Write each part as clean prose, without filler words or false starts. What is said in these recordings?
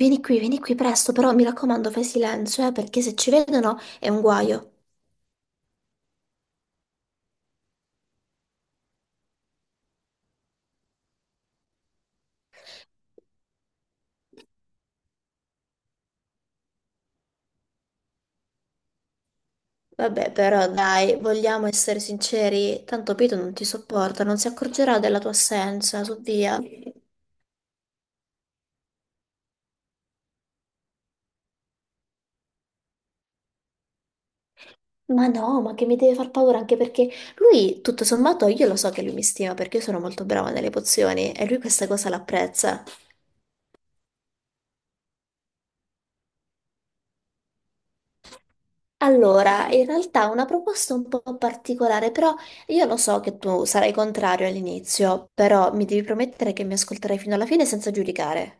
Vieni qui presto, però mi raccomando, fai silenzio, perché se ci vedono è un guaio. Vabbè, però dai, vogliamo essere sinceri, tanto Pito non ti sopporta, non si accorgerà della tua assenza, su via. Ma no, ma che mi deve far paura anche perché lui, tutto sommato, io lo so che lui mi stima perché io sono molto brava nelle pozioni e lui questa cosa l'apprezza. Allora, in realtà è una proposta un po' particolare, però io lo so che tu sarai contrario all'inizio, però mi devi promettere che mi ascolterai fino alla fine senza giudicare.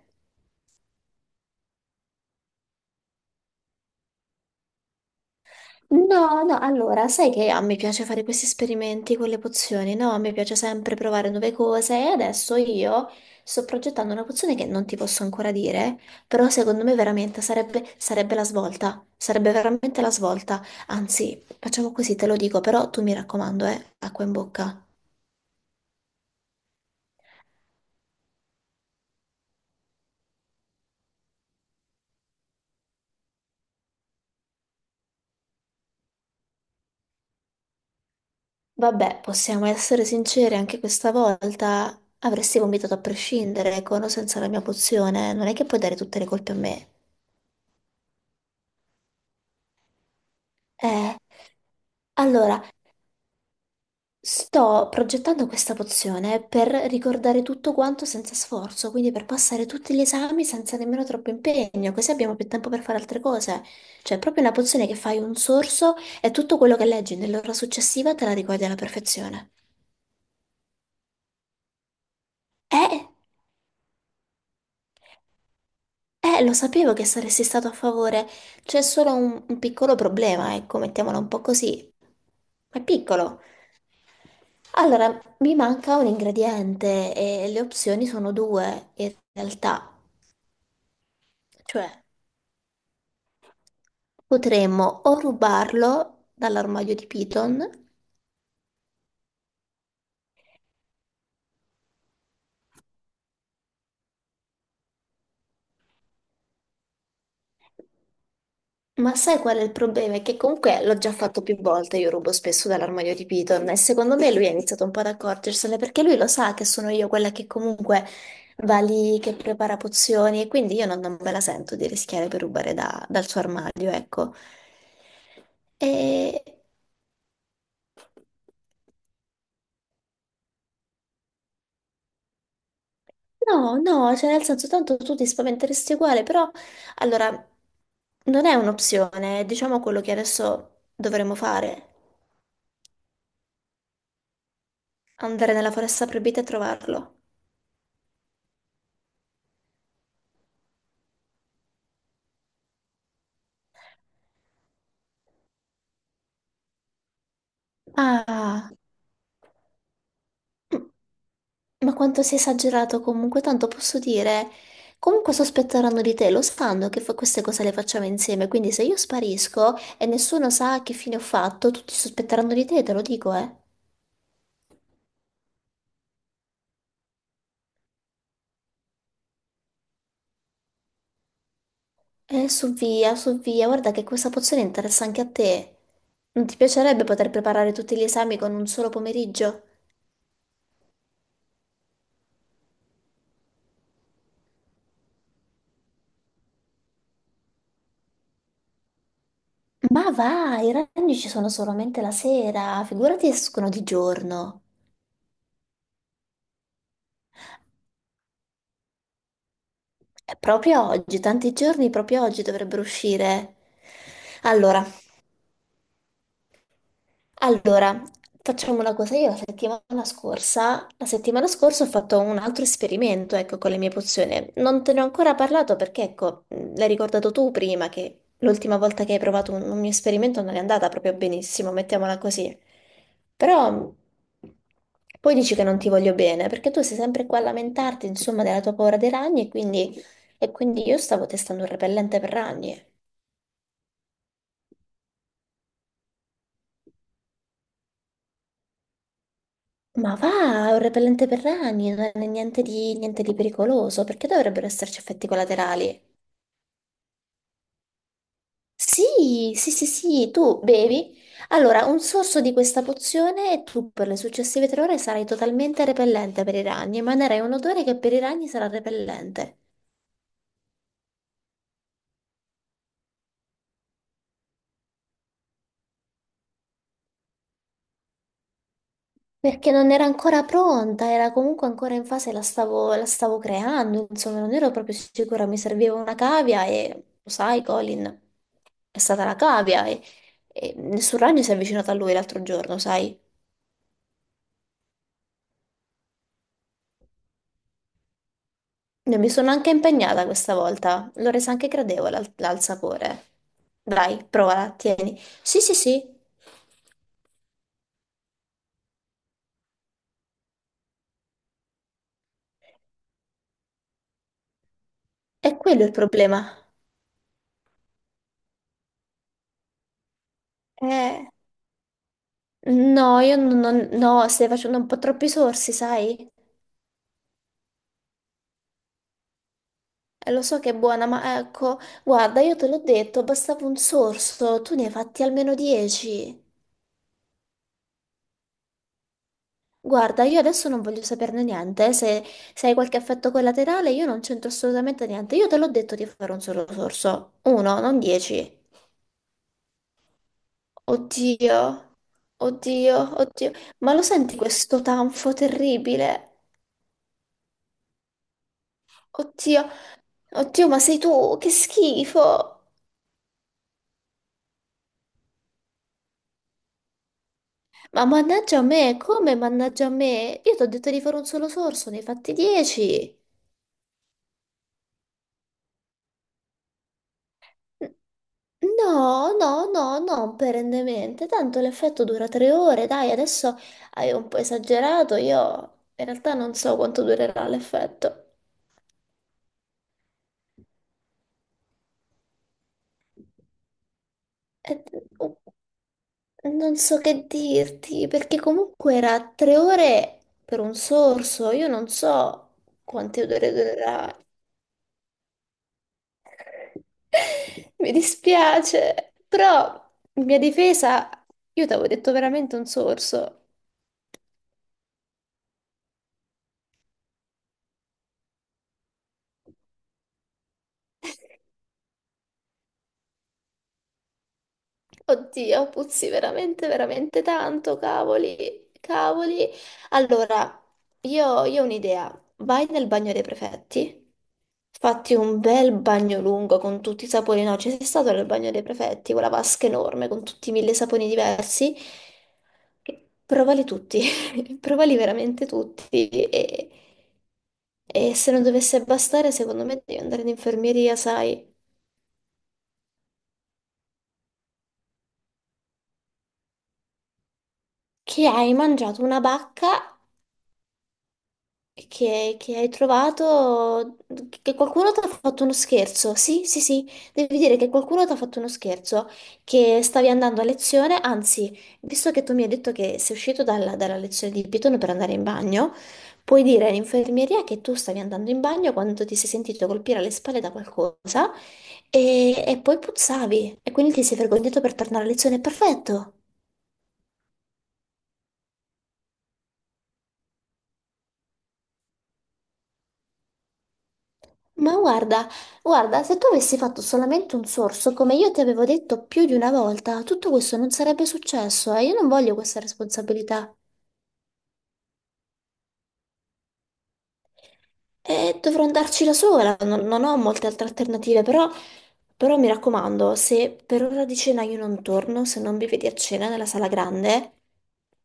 No, no, allora, sai che a me piace fare questi esperimenti con le pozioni, no? A me piace sempre provare nuove cose e adesso io sto progettando una pozione che non ti posso ancora dire, però secondo me veramente sarebbe la svolta, sarebbe veramente la svolta. Anzi, facciamo così, te lo dico, però tu mi raccomando, acqua in bocca. Vabbè, possiamo essere sinceri, anche questa volta avresti vomitato a prescindere, con o senza la mia pozione, non è che puoi dare tutte le colpe a me. Eh, allora, sto progettando questa pozione per ricordare tutto quanto senza sforzo, quindi per passare tutti gli esami senza nemmeno troppo impegno, così abbiamo più tempo per fare altre cose. Cioè, è proprio una pozione che fai un sorso e tutto quello che leggi nell'ora successiva te la ricordi alla perfezione. Eh? Lo sapevo che saresti stato a favore. C'è solo un piccolo problema, ecco, mettiamolo un po' così. Ma è piccolo. Allora, mi manca un ingrediente e le opzioni sono due, in realtà. Cioè, potremmo o rubarlo dall'armadio di Python. Ma sai qual è il problema? È che comunque l'ho già fatto più volte, io rubo spesso dall'armadio di Piton e secondo me lui ha iniziato un po' ad accorgersene perché lui lo sa che sono io quella che comunque va lì, che prepara pozioni e quindi io non me la sento di rischiare per rubare dal suo armadio, ecco. E... No, no, cioè nel senso tanto tu ti spaventeresti uguale, però allora non è un'opzione, è, diciamo quello che adesso dovremmo fare, andare nella foresta proibita e trovarlo. Ah, m- ma quanto sei esagerato comunque, tanto posso dire, comunque sospetteranno di te, lo sanno che queste cose le facciamo insieme, quindi se io sparisco e nessuno sa che fine ho fatto, tutti sospetteranno di te, te lo dico, eh. Su via, su via, guarda che questa pozione interessa anche a te. Non ti piacerebbe poter preparare tutti gli esami con un solo pomeriggio? Ma va, i ragni ci sono solamente la sera, figurati escono di giorno. È proprio oggi, tanti giorni, proprio oggi dovrebbero uscire. Allora, allora, facciamo una cosa. Io la settimana scorsa ho fatto un altro esperimento, ecco, con le mie pozioni. Non te ne ho ancora parlato perché, ecco, l'hai ricordato tu prima che l'ultima volta che hai provato un mio esperimento non è andata proprio benissimo, mettiamola così. Però poi dici che non ti voglio bene, perché tu sei sempre qua a lamentarti, insomma, della tua paura dei ragni e quindi io stavo testando un repellente per ragni. Ma va, è un repellente per rani, non è niente di pericoloso, perché dovrebbero esserci effetti collaterali? Sì, sì, sì, sì, tu bevi. Allora, un sorso di questa pozione e tu per le successive 3 ore sarai totalmente repellente per i ragni, emanerai un odore che per i ragni sarà repellente. Perché non era ancora pronta, era comunque ancora in fase, la stavo creando, insomma, non ero proprio sicura, mi serviva una cavia e lo sai, Colin, è stata la cavia e nessun ragno si è avvicinato a lui l'altro giorno, sai? Io mi sono anche impegnata questa volta, l'ho resa anche gradevole al sapore. Dai, provala, tieni. Sì, sì, sì, è quello il problema. Eh, no, io no, stai facendo un po' troppi sorsi, sai? Lo so che è buona, ma ecco, guarda, io te l'ho detto, bastava un sorso, tu ne hai fatti almeno 10. Guarda, io adesso non voglio saperne niente, se hai qualche effetto collaterale io non c'entro assolutamente niente, io te l'ho detto di fare un solo sorso, uno, non 10. Oddio, oddio, oddio, ma lo senti questo tanfo terribile? Oddio, oddio, ma sei tu, che schifo! Ma mannaggia a me, come mannaggia a me? Io ti ho detto di fare un solo sorso, ne hai fatti 10. No, no, no, non perennemente, tanto l'effetto dura 3 ore, dai, adesso hai un po' esagerato, io in realtà non so quanto durerà l'effetto. E- Non so che dirti, perché comunque era 3 ore per un sorso, io non so quante ore durerà. Mi dispiace, però in mia difesa io ti avevo detto veramente un sorso. Oddio, puzzi veramente, veramente tanto, cavoli, cavoli. Allora, io ho un'idea. Vai nel bagno dei prefetti, fatti un bel bagno lungo con tutti i saponi. No, ci sei stato nel bagno dei prefetti, quella vasca enorme con tutti i mille saponi diversi. Provali tutti, provali veramente tutti. E se non dovesse bastare, secondo me devi andare in infermeria, sai, che hai mangiato una bacca che hai trovato, che qualcuno ti ha fatto uno scherzo. Sì, sì, sì, devi dire che qualcuno ti ha fatto uno scherzo, che stavi andando a lezione, anzi, visto che tu mi hai detto che sei uscito dalla lezione di Python per andare in bagno, puoi dire all'infermieria che tu stavi andando in bagno quando ti sei sentito colpire alle spalle da qualcosa e poi puzzavi e quindi ti sei vergognato per tornare a lezione. Perfetto. Ma guarda, guarda, se tu avessi fatto solamente un sorso, come io ti avevo detto più di una volta, tutto questo non sarebbe successo e io non voglio questa responsabilità. E dovrò andarci da sola, non ho molte altre alternative, però, però mi raccomando, se per ora di cena io non torno, se non mi vedi a cena nella sala grande,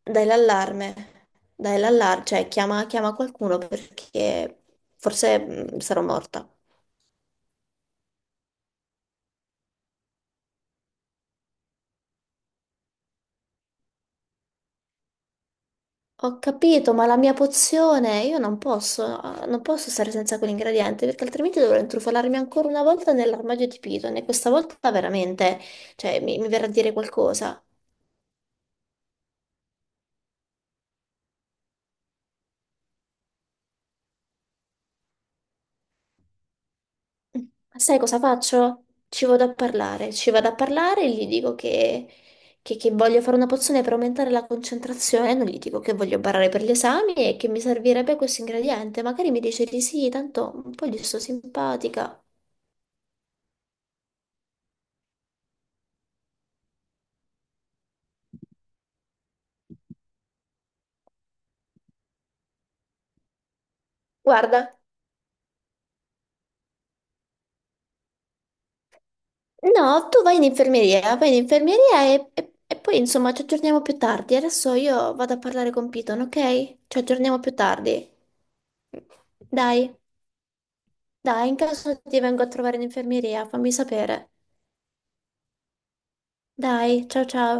dai l'allarme, dai l'allarme, cioè chiama, chiama qualcuno perché forse sarò morta. Ho capito, ma la mia pozione io non posso stare senza quell'ingrediente perché altrimenti dovrò intrufolarmi ancora una volta nell'armadio di Python e questa volta veramente, cioè, mi verrà a dire qualcosa. Mm, Ma sai cosa faccio? Ci vado a parlare, ci vado a parlare e gli dico che, che voglio fare una pozione per aumentare la concentrazione, non gli dico che voglio barare per gli esami e che mi servirebbe questo ingrediente. Magari mi dice di sì, tanto un po' gli sto simpatica. Guarda. No, tu vai in infermeria e poi insomma ci aggiorniamo più tardi. Adesso io vado a parlare con Piton, ok? Ci aggiorniamo più tardi. Dai, dai, in caso ti vengo a trovare in infermeria, fammi sapere. Dai, ciao ciao.